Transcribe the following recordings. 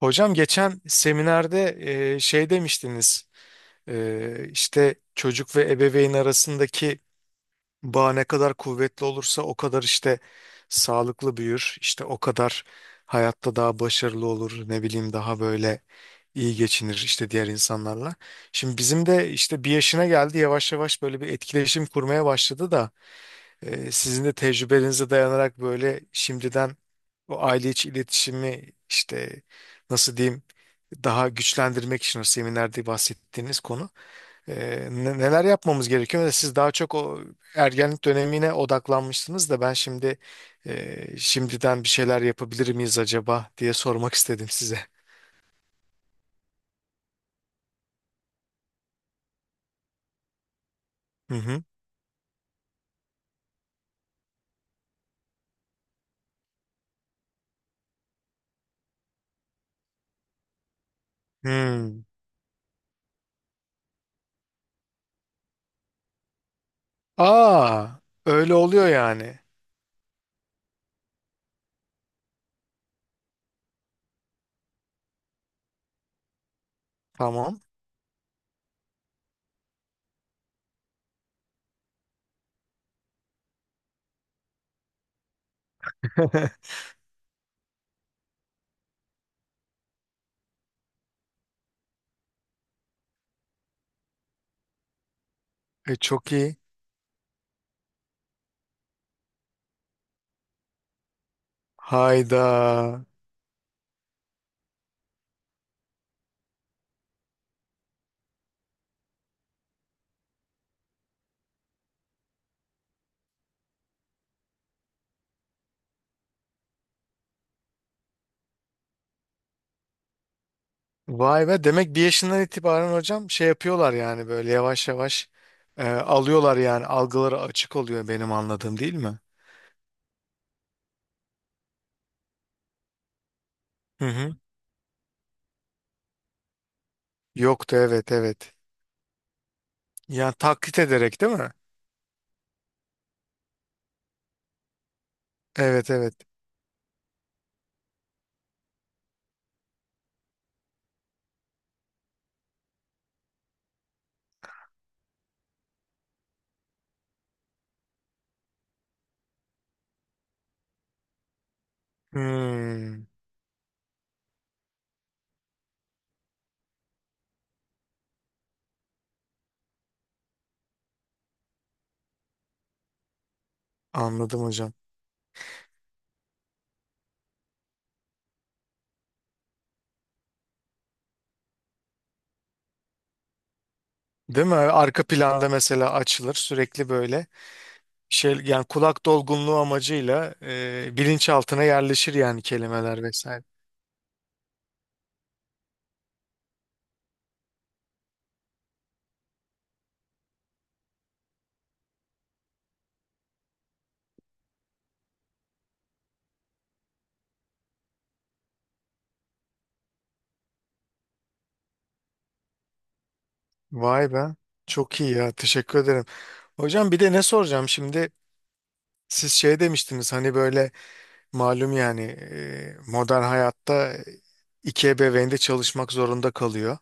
Hocam geçen seminerde şey demiştiniz, işte çocuk ve ebeveyn arasındaki bağ ne kadar kuvvetli olursa o kadar işte sağlıklı büyür, işte o kadar hayatta daha başarılı olur, ne bileyim daha böyle iyi geçinir işte diğer insanlarla. Şimdi bizim de işte bir yaşına geldi, yavaş yavaş böyle bir etkileşim kurmaya başladı da sizin de tecrübelerinize dayanarak böyle şimdiden o aile içi iletişimi işte nasıl diyeyim daha güçlendirmek için o seminerde bahsettiğiniz konu, neler yapmamız gerekiyor? Ve siz daha çok o ergenlik dönemine odaklanmışsınız da ben şimdi şimdiden bir şeyler yapabilir miyiz acaba diye sormak istedim size. Hı hı. Hmm. Aa, öyle oluyor yani. Tamam. Çok iyi. Hayda. Vay be, demek bir yaşından itibaren hocam şey yapıyorlar yani böyle yavaş yavaş alıyorlar, yani algıları açık oluyor benim anladığım, değil mi? Hı hı. Yoktu, evet evet. Yani taklit ederek değil mi? Evet evet. Hmm, anladım hocam. Değil mi? Arka planda mesela açılır sürekli böyle şey yani kulak dolgunluğu amacıyla bilinçaltına yerleşir yani, kelimeler vesaire. Vay be. Çok iyi ya, teşekkür ederim. Hocam bir de ne soracağım şimdi? Siz şey demiştiniz hani böyle malum yani, modern hayatta iki ebeveyn de çalışmak zorunda kalıyor.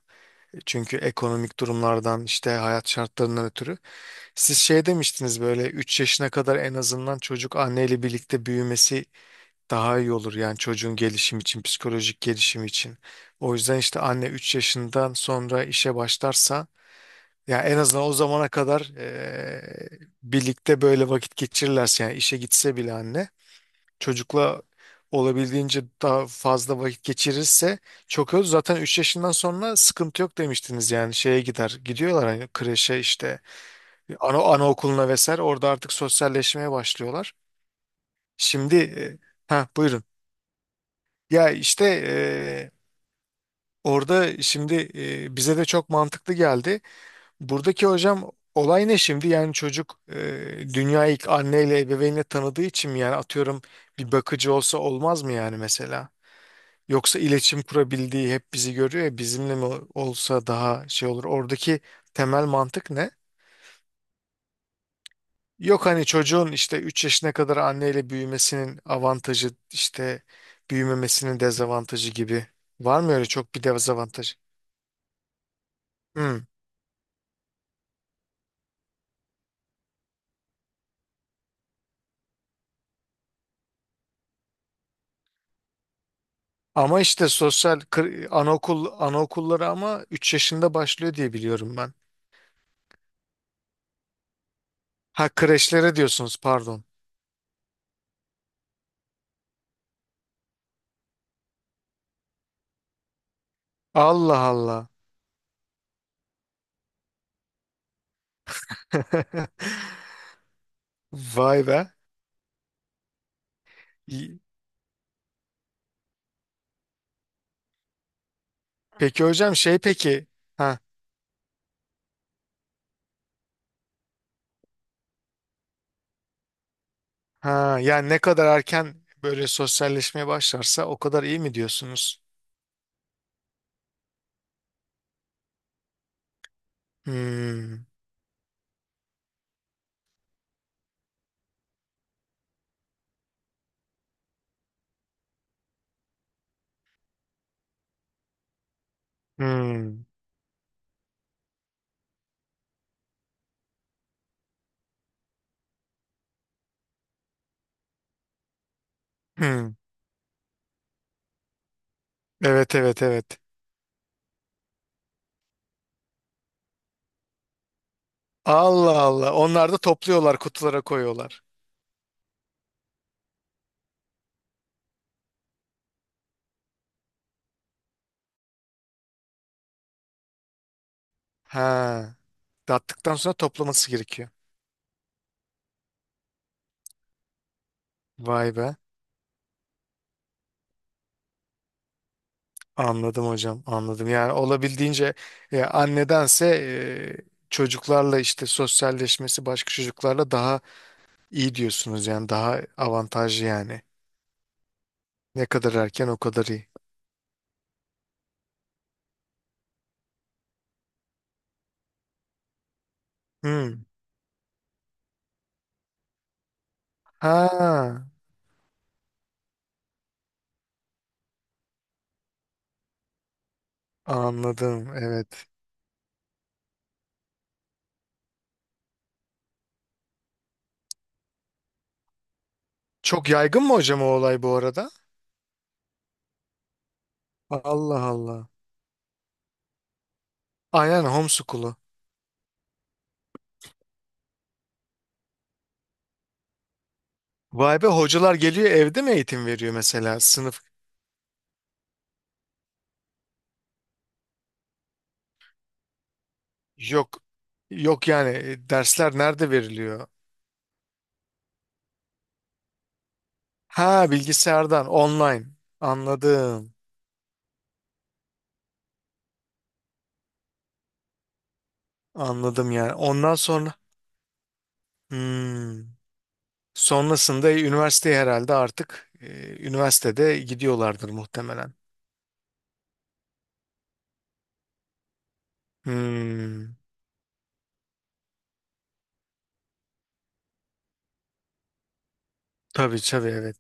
Çünkü ekonomik durumlardan, işte hayat şartlarından ötürü. Siz şey demiştiniz, böyle 3 yaşına kadar en azından çocuk anneyle birlikte büyümesi daha iyi olur. Yani çocuğun gelişim için, psikolojik gelişim için. O yüzden işte anne 3 yaşından sonra işe başlarsa ya en azından o zamana kadar birlikte böyle vakit geçirirlerse, yani işe gitse bile anne çocukla olabildiğince daha fazla vakit geçirirse çok öz. Zaten 3 yaşından sonra sıkıntı yok demiştiniz, yani şeye gider. Gidiyorlar hani kreşe, işte ana anaokuluna vesaire, orada artık sosyalleşmeye başlıyorlar. Şimdi ha buyurun. Ya işte orada şimdi bize de çok mantıklı geldi. Buradaki hocam olay ne şimdi? Yani çocuk dünyayı ilk anneyle, ebeveynle tanıdığı için mi, yani atıyorum bir bakıcı olsa olmaz mı yani mesela? Yoksa iletişim kurabildiği, hep bizi görüyor ya, bizimle mi olsa daha şey olur. Oradaki temel mantık ne? Yok hani çocuğun işte 3 yaşına kadar anneyle büyümesinin avantajı, işte büyümemesinin dezavantajı gibi. Var mı öyle çok bir dezavantaj? Hmm. Ama işte anaokul anaokulları ama 3 yaşında başlıyor diye biliyorum ben. Ha, kreşlere diyorsunuz, pardon. Allah Allah. Vay be. İyi. Peki hocam şey peki. Ha. Ha, yani ne kadar erken böyle sosyalleşmeye başlarsa o kadar iyi mi diyorsunuz? Hmm, hmm, hmm. Evet evet evet. Allah Allah. Onlar da topluyorlar, kutulara koyuyorlar. Ha, tattıktan sonra toplaması gerekiyor. Vay be. Anladım hocam, anladım. Yani olabildiğince annedense çocuklarla işte sosyalleşmesi, başka çocuklarla daha iyi diyorsunuz yani, daha avantajlı yani. Ne kadar erken o kadar iyi. Hmm. Ha. Anladım, evet. Çok yaygın mı hocam o olay bu arada? Allah Allah. Aynen, homeschool'u. Vay be, hocalar geliyor evde mi eğitim veriyor mesela? Sınıf yok. Yok yani, dersler nerede veriliyor? Ha, bilgisayardan online. Anladım. Anladım yani. Ondan sonra hmm. Sonrasında üniversiteye herhalde artık üniversitede gidiyorlardır muhtemelen. Hmm. Tabii tabii evet.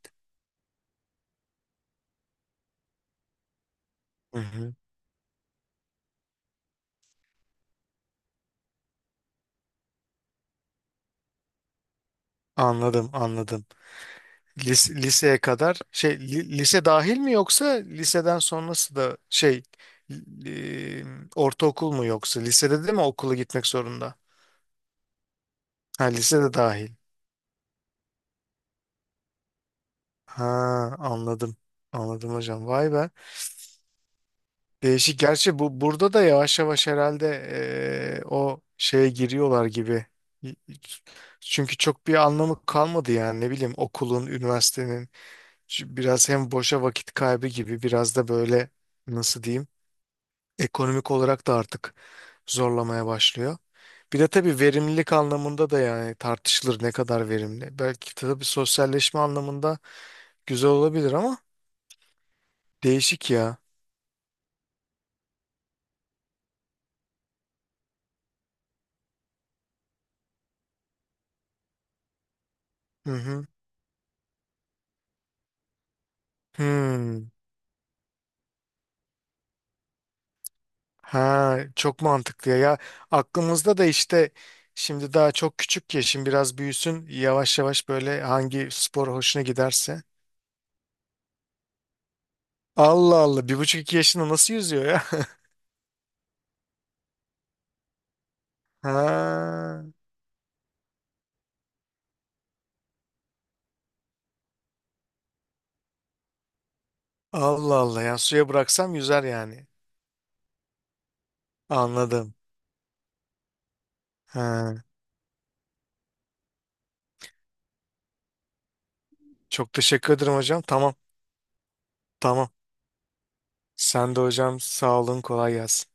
Hı hı. Anladım anladım. Liseye kadar şey, lise dahil mi, yoksa liseden sonrası da şey, li- ortaokul mu, yoksa lisede de mi okula gitmek zorunda? Ha, lisede dahil. Ha, anladım. Anladım hocam. Vay be. Değişik. Gerçi bu burada da yavaş yavaş herhalde o şeye giriyorlar gibi. Çünkü çok bir anlamı kalmadı yani, ne bileyim okulun, üniversitenin. Şu biraz hem boşa vakit kaybı gibi, biraz da böyle nasıl diyeyim, ekonomik olarak da artık zorlamaya başlıyor. Bir de tabii verimlilik anlamında da yani, tartışılır ne kadar verimli. Belki tabii sosyalleşme anlamında güzel olabilir ama, değişik ya. Hı hı. Hmm. Ha, çok mantıklı ya. Ya aklımızda da işte şimdi daha çok küçük ya, şimdi biraz büyüsün yavaş yavaş, böyle hangi spor hoşuna giderse. Allah Allah, bir buçuk iki yaşında nasıl yüzüyor ya? Ha, Allah Allah, yani suya bıraksam yüzer yani. Anladım. Ha, çok teşekkür ederim hocam. Tamam, tamam. Sen de hocam, sağ olun, kolay gelsin.